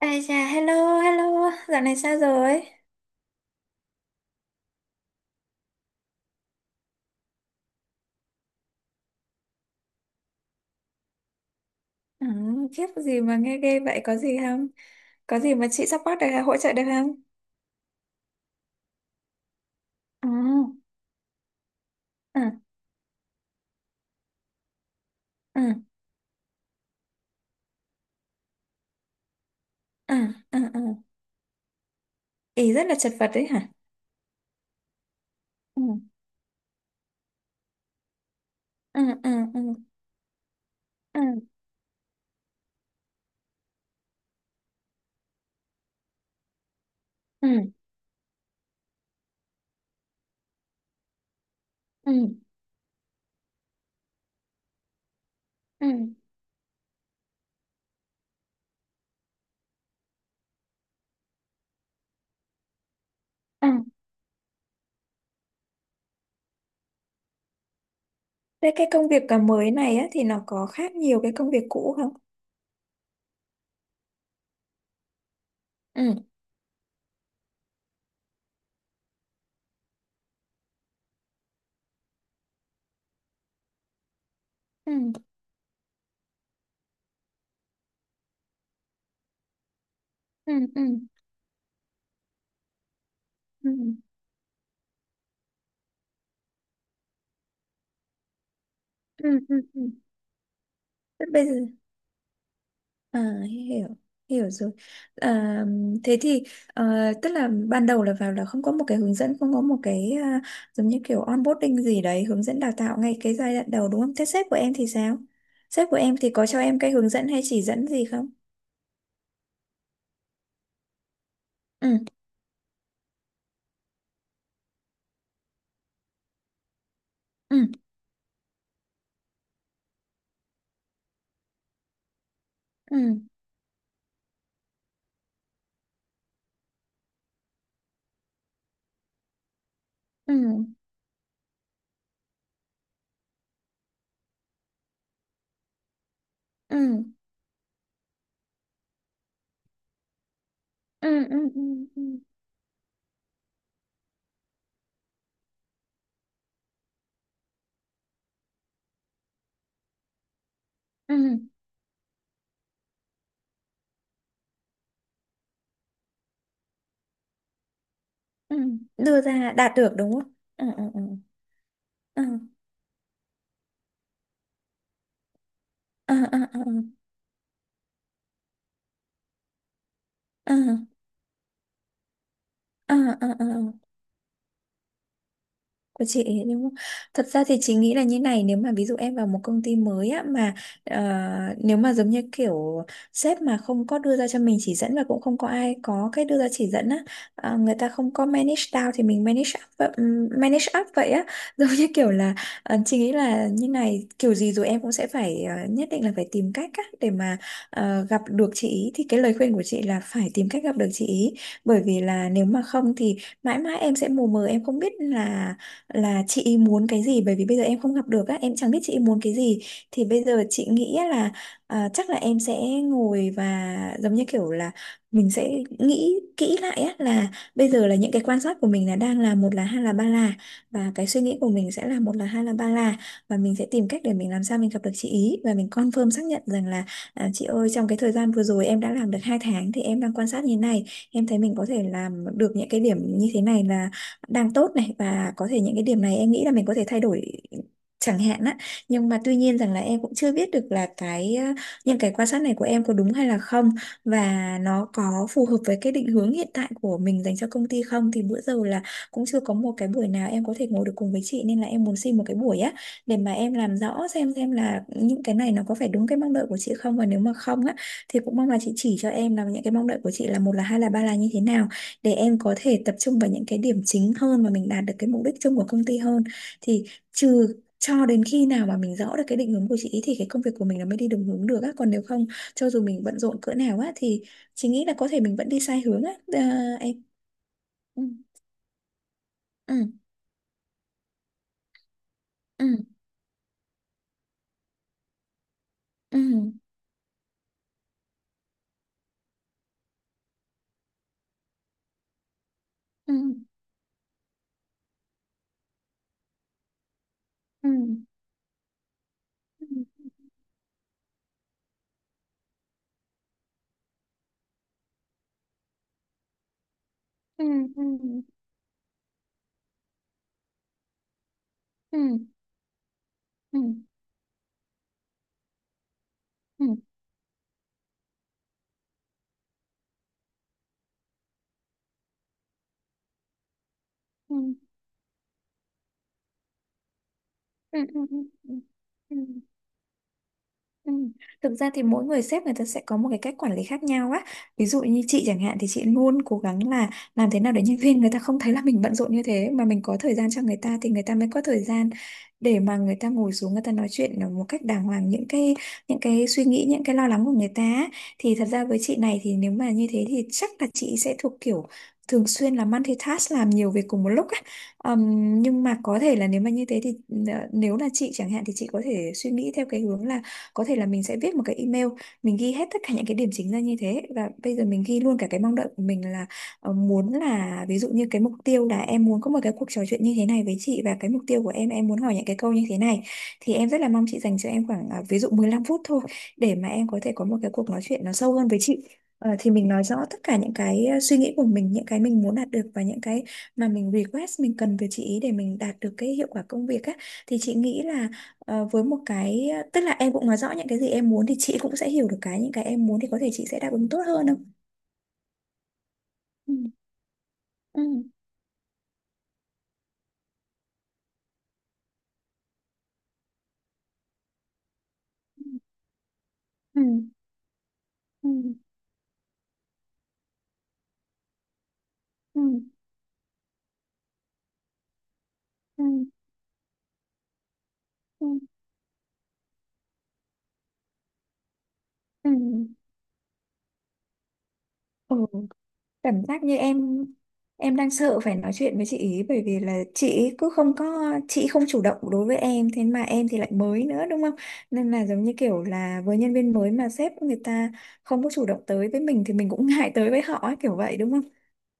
Ai chà, hello, hello, dạo này sao rồi? Ừ, khiếp gì mà nghe ghê vậy, có gì không? Có gì mà chị support được, hỗ trợ được không? Ừ, ừ, ừ, ừ, ừ, ừ. Ý rất là chật vật đấy hả? Ừ, ừ, ừ, ừ, ừ, ừ, ừ, ừ, ừ. Thế cái công việc cả mới này á, thì nó có khác nhiều cái công việc cũ không? Ừ, ừ, ừ, ừ, ừ, ừ, ừ, ừ. Thế bây giờ... À, hiểu hiểu rồi. À, thế thì ờ, tức là ban đầu là vào là không có một cái hướng dẫn, không có một cái à, giống như kiểu onboarding gì đấy, hướng dẫn đào tạo ngay cái giai đoạn đầu, đúng không? Thế sếp của em thì sao? Sếp của em thì có cho em cái hướng dẫn hay chỉ dẫn gì không? Ừ, ừ, ừ, ừ, ừ, ừ, ừ, ừ, ừ, ừ, ừ. Đưa ra đạt được đúng không? Ừ, ừ, ừ, ừ, ừ, ừ, ừ, ừ, ừ, ừ, ừ. Của chị ấy. Nhưng mà thật ra thì chị nghĩ là như này, nếu mà ví dụ em vào một công ty mới á, mà ờ, nếu mà giống như kiểu sếp mà không có đưa ra cho mình chỉ dẫn và cũng không có ai có cái đưa ra chỉ dẫn á, người ta không có manage down thì mình manage up manage up vậy á giống như kiểu là, chị nghĩ là như này, kiểu gì rồi em cũng sẽ phải nhất định là phải tìm cách á để mà gặp được chị ý, thì cái lời khuyên của chị là phải tìm cách gặp được chị ý, bởi vì là nếu mà không thì mãi mãi em sẽ mù mờ, em không biết là chị ý muốn cái gì, bởi vì bây giờ em không gặp được á, em chẳng biết chị ý muốn cái gì. Thì bây giờ chị nghĩ á là, à, chắc là em sẽ ngồi và giống như kiểu là mình sẽ nghĩ kỹ lại á là bây giờ là những cái quan sát của mình là đang là một là hai là ba là, và cái suy nghĩ của mình sẽ là một là hai là ba là, và mình sẽ tìm cách để mình làm sao mình gặp được chị ý và mình confirm xác nhận rằng là, à, chị ơi, trong cái thời gian vừa rồi em đã làm được 2 tháng thì em đang quan sát như thế này, em thấy mình có thể làm được những cái điểm như thế này là đang tốt này, và có thể những cái điểm này em nghĩ là mình có thể thay đổi chẳng hạn á. Nhưng mà tuy nhiên rằng là em cũng chưa biết được là cái những cái quan sát này của em có đúng hay là không, và nó có phù hợp với cái định hướng hiện tại của mình dành cho công ty không, thì bữa giờ là cũng chưa có một cái buổi nào em có thể ngồi được cùng với chị, nên là em muốn xin một cái buổi á để mà em làm rõ xem là những cái này nó có phải đúng cái mong đợi của chị không, và nếu mà không á thì cũng mong là chị chỉ cho em là những cái mong đợi của chị là một là hai là ba là như thế nào, để em có thể tập trung vào những cái điểm chính hơn và mình đạt được cái mục đích chung của công ty hơn. Thì trừ cho đến khi nào mà mình rõ được cái định hướng của chị ý thì cái công việc của mình nó mới đi đúng hướng được á, còn nếu không, cho dù mình bận rộn cỡ nào á thì chị nghĩ là có thể mình vẫn đi sai hướng á, à, em ừ, ừ, ừ, ừ, ừ, ừ, ừ, ừ, ừ, ừ, ừ, ừ, ừ, ừ, ừ, ừ, ừ, ừ. Ừ. Thực ra thì mỗi người sếp người ta sẽ có một cái cách quản lý khác nhau á. Ví dụ như chị chẳng hạn thì chị luôn cố gắng là làm thế nào để nhân viên người ta không thấy là mình bận rộn như thế, mà mình có thời gian cho người ta thì người ta mới có thời gian để mà người ta ngồi xuống người ta nói chuyện một cách đàng hoàng những cái suy nghĩ những cái lo lắng của người ta á. Thì thật ra với chị này thì nếu mà như thế thì chắc là chị sẽ thuộc kiểu thường xuyên là multitask làm nhiều việc cùng một lúc á. Nhưng mà có thể là nếu mà như thế thì nếu là chị chẳng hạn thì chị có thể suy nghĩ theo cái hướng là có thể là mình sẽ viết một cái email, mình ghi hết tất cả những cái điểm chính ra như thế và bây giờ mình ghi luôn cả cái mong đợi của mình là muốn là, ví dụ như cái mục tiêu là em muốn có một cái cuộc trò chuyện như thế này với chị, và cái mục tiêu của em muốn hỏi những cái câu như thế này, thì em rất là mong chị dành cho em khoảng à, ví dụ 15 phút thôi, để mà em có thể có một cái cuộc nói chuyện nó sâu hơn với chị. Ờ, thì mình nói rõ tất cả những cái suy nghĩ của mình, những cái mình muốn đạt được và những cái mà mình request mình cần từ chị ý để mình đạt được cái hiệu quả công việc á, thì chị nghĩ là với một cái, tức là em cũng nói rõ những cái gì em muốn thì chị cũng sẽ hiểu được cái những cái em muốn, thì có thể chị sẽ đáp ứng tốt hơn không? Ừ, ừ, ừ, ừ, ừ, ừ, ừ, ừ. Ừ, cảm giác như em đang sợ phải nói chuyện với chị ý, bởi vì là chị ý cứ không có, chị không chủ động đối với em, thế mà em thì lại mới nữa đúng không? Nên là giống như kiểu là với nhân viên mới mà sếp người ta không có chủ động tới với mình thì mình cũng ngại tới với họ ấy, kiểu vậy đúng không?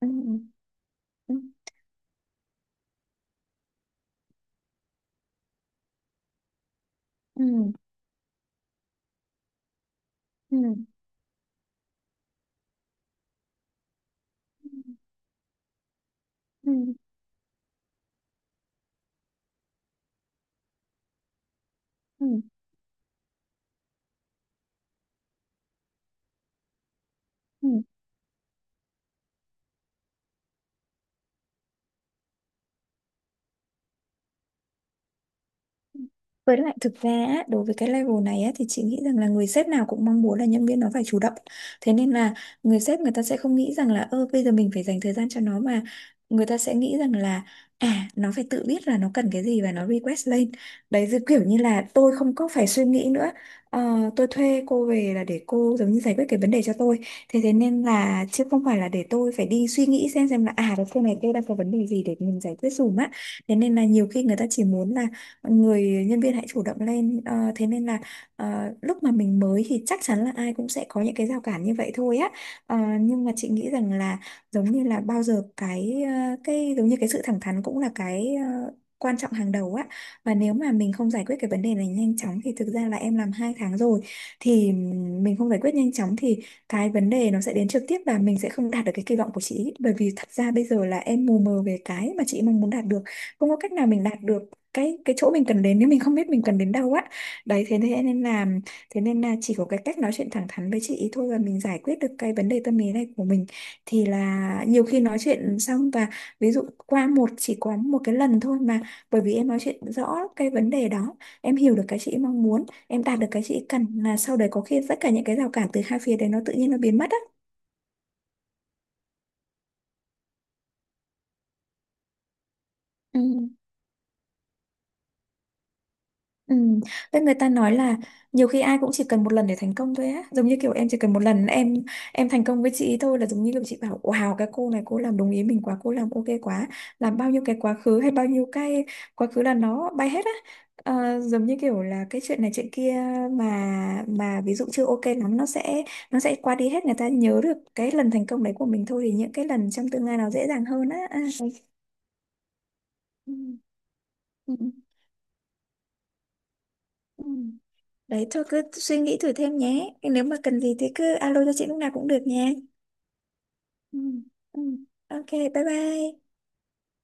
Ừ, ừ, ừ, ừ. Ừ, ừ, ừ. Ừ. Với lại thực ra á, đối với cái level này á, thì chị nghĩ rằng là người sếp nào cũng mong muốn là nhân viên nó phải chủ động. Thế nên là người sếp người ta sẽ không nghĩ rằng là ơ bây giờ mình phải dành thời gian cho nó, mà người ta sẽ nghĩ rằng là à, nó phải tự biết là nó cần cái gì và nó request lên. Đấy, giống kiểu như là tôi không có phải suy nghĩ nữa. Ờ, tôi thuê cô về là để cô giống như giải quyết cái vấn đề cho tôi. Thế thế nên là, chứ không phải là để tôi phải đi suy nghĩ xem là à, cái cô này cô đang có vấn đề gì để mình giải quyết dùm á. Thế nên là nhiều khi người ta chỉ muốn là người nhân viên hãy chủ động lên. Ờ, thế nên là lúc mà mình mới thì chắc chắn là ai cũng sẽ có những cái rào cản như vậy thôi á. Ờ, nhưng mà chị nghĩ rằng là giống như là bao giờ cái cái giống như cái sự thẳng thắn cũng là cái quan trọng hàng đầu á, và nếu mà mình không giải quyết cái vấn đề này nhanh chóng thì thực ra là em làm 2 tháng rồi, thì mình không giải quyết nhanh chóng thì cái vấn đề nó sẽ đến trực tiếp và mình sẽ không đạt được cái kỳ vọng của chị, bởi vì thật ra bây giờ là em mù mờ về cái mà chị mong muốn đạt được, không có cách nào mình đạt được cái chỗ mình cần đến nếu mình không biết mình cần đến đâu á. Đấy, thế thế nên là chỉ có cái cách nói chuyện thẳng thắn với chị ý thôi, và mình giải quyết được cái vấn đề tâm lý này của mình, thì là nhiều khi nói chuyện xong, và ví dụ qua một chỉ có một cái lần thôi mà, bởi vì em nói chuyện rõ cái vấn đề đó, em hiểu được cái chị mong muốn, em đạt được cái chị cần, là sau đấy có khi tất cả những cái rào cản từ hai phía đấy nó tự nhiên nó biến mất á. Ừ. Ừ. Với, người ta nói là nhiều khi ai cũng chỉ cần một lần để thành công thôi á, giống như kiểu em chỉ cần một lần em thành công với chị ý thôi, là giống như kiểu chị bảo wow, cái cô này cô làm đúng ý mình quá, cô làm ok quá, làm bao nhiêu cái quá khứ hay bao nhiêu cái quá khứ là nó bay hết á. Ờ, giống như kiểu là cái chuyện này chuyện kia, mà ví dụ chưa ok lắm, nó sẽ qua đi hết, người ta nhớ được cái lần thành công đấy của mình thôi, thì những cái lần trong tương lai nó dễ dàng hơn á, à. Ừ. Ừ. Ừ. Ừ. Đấy, thôi cứ suy nghĩ thử thêm nhé. Nếu mà cần gì thì cứ alo cho chị lúc nào cũng được nha. Ừ. Ừ. Ok, bye bye.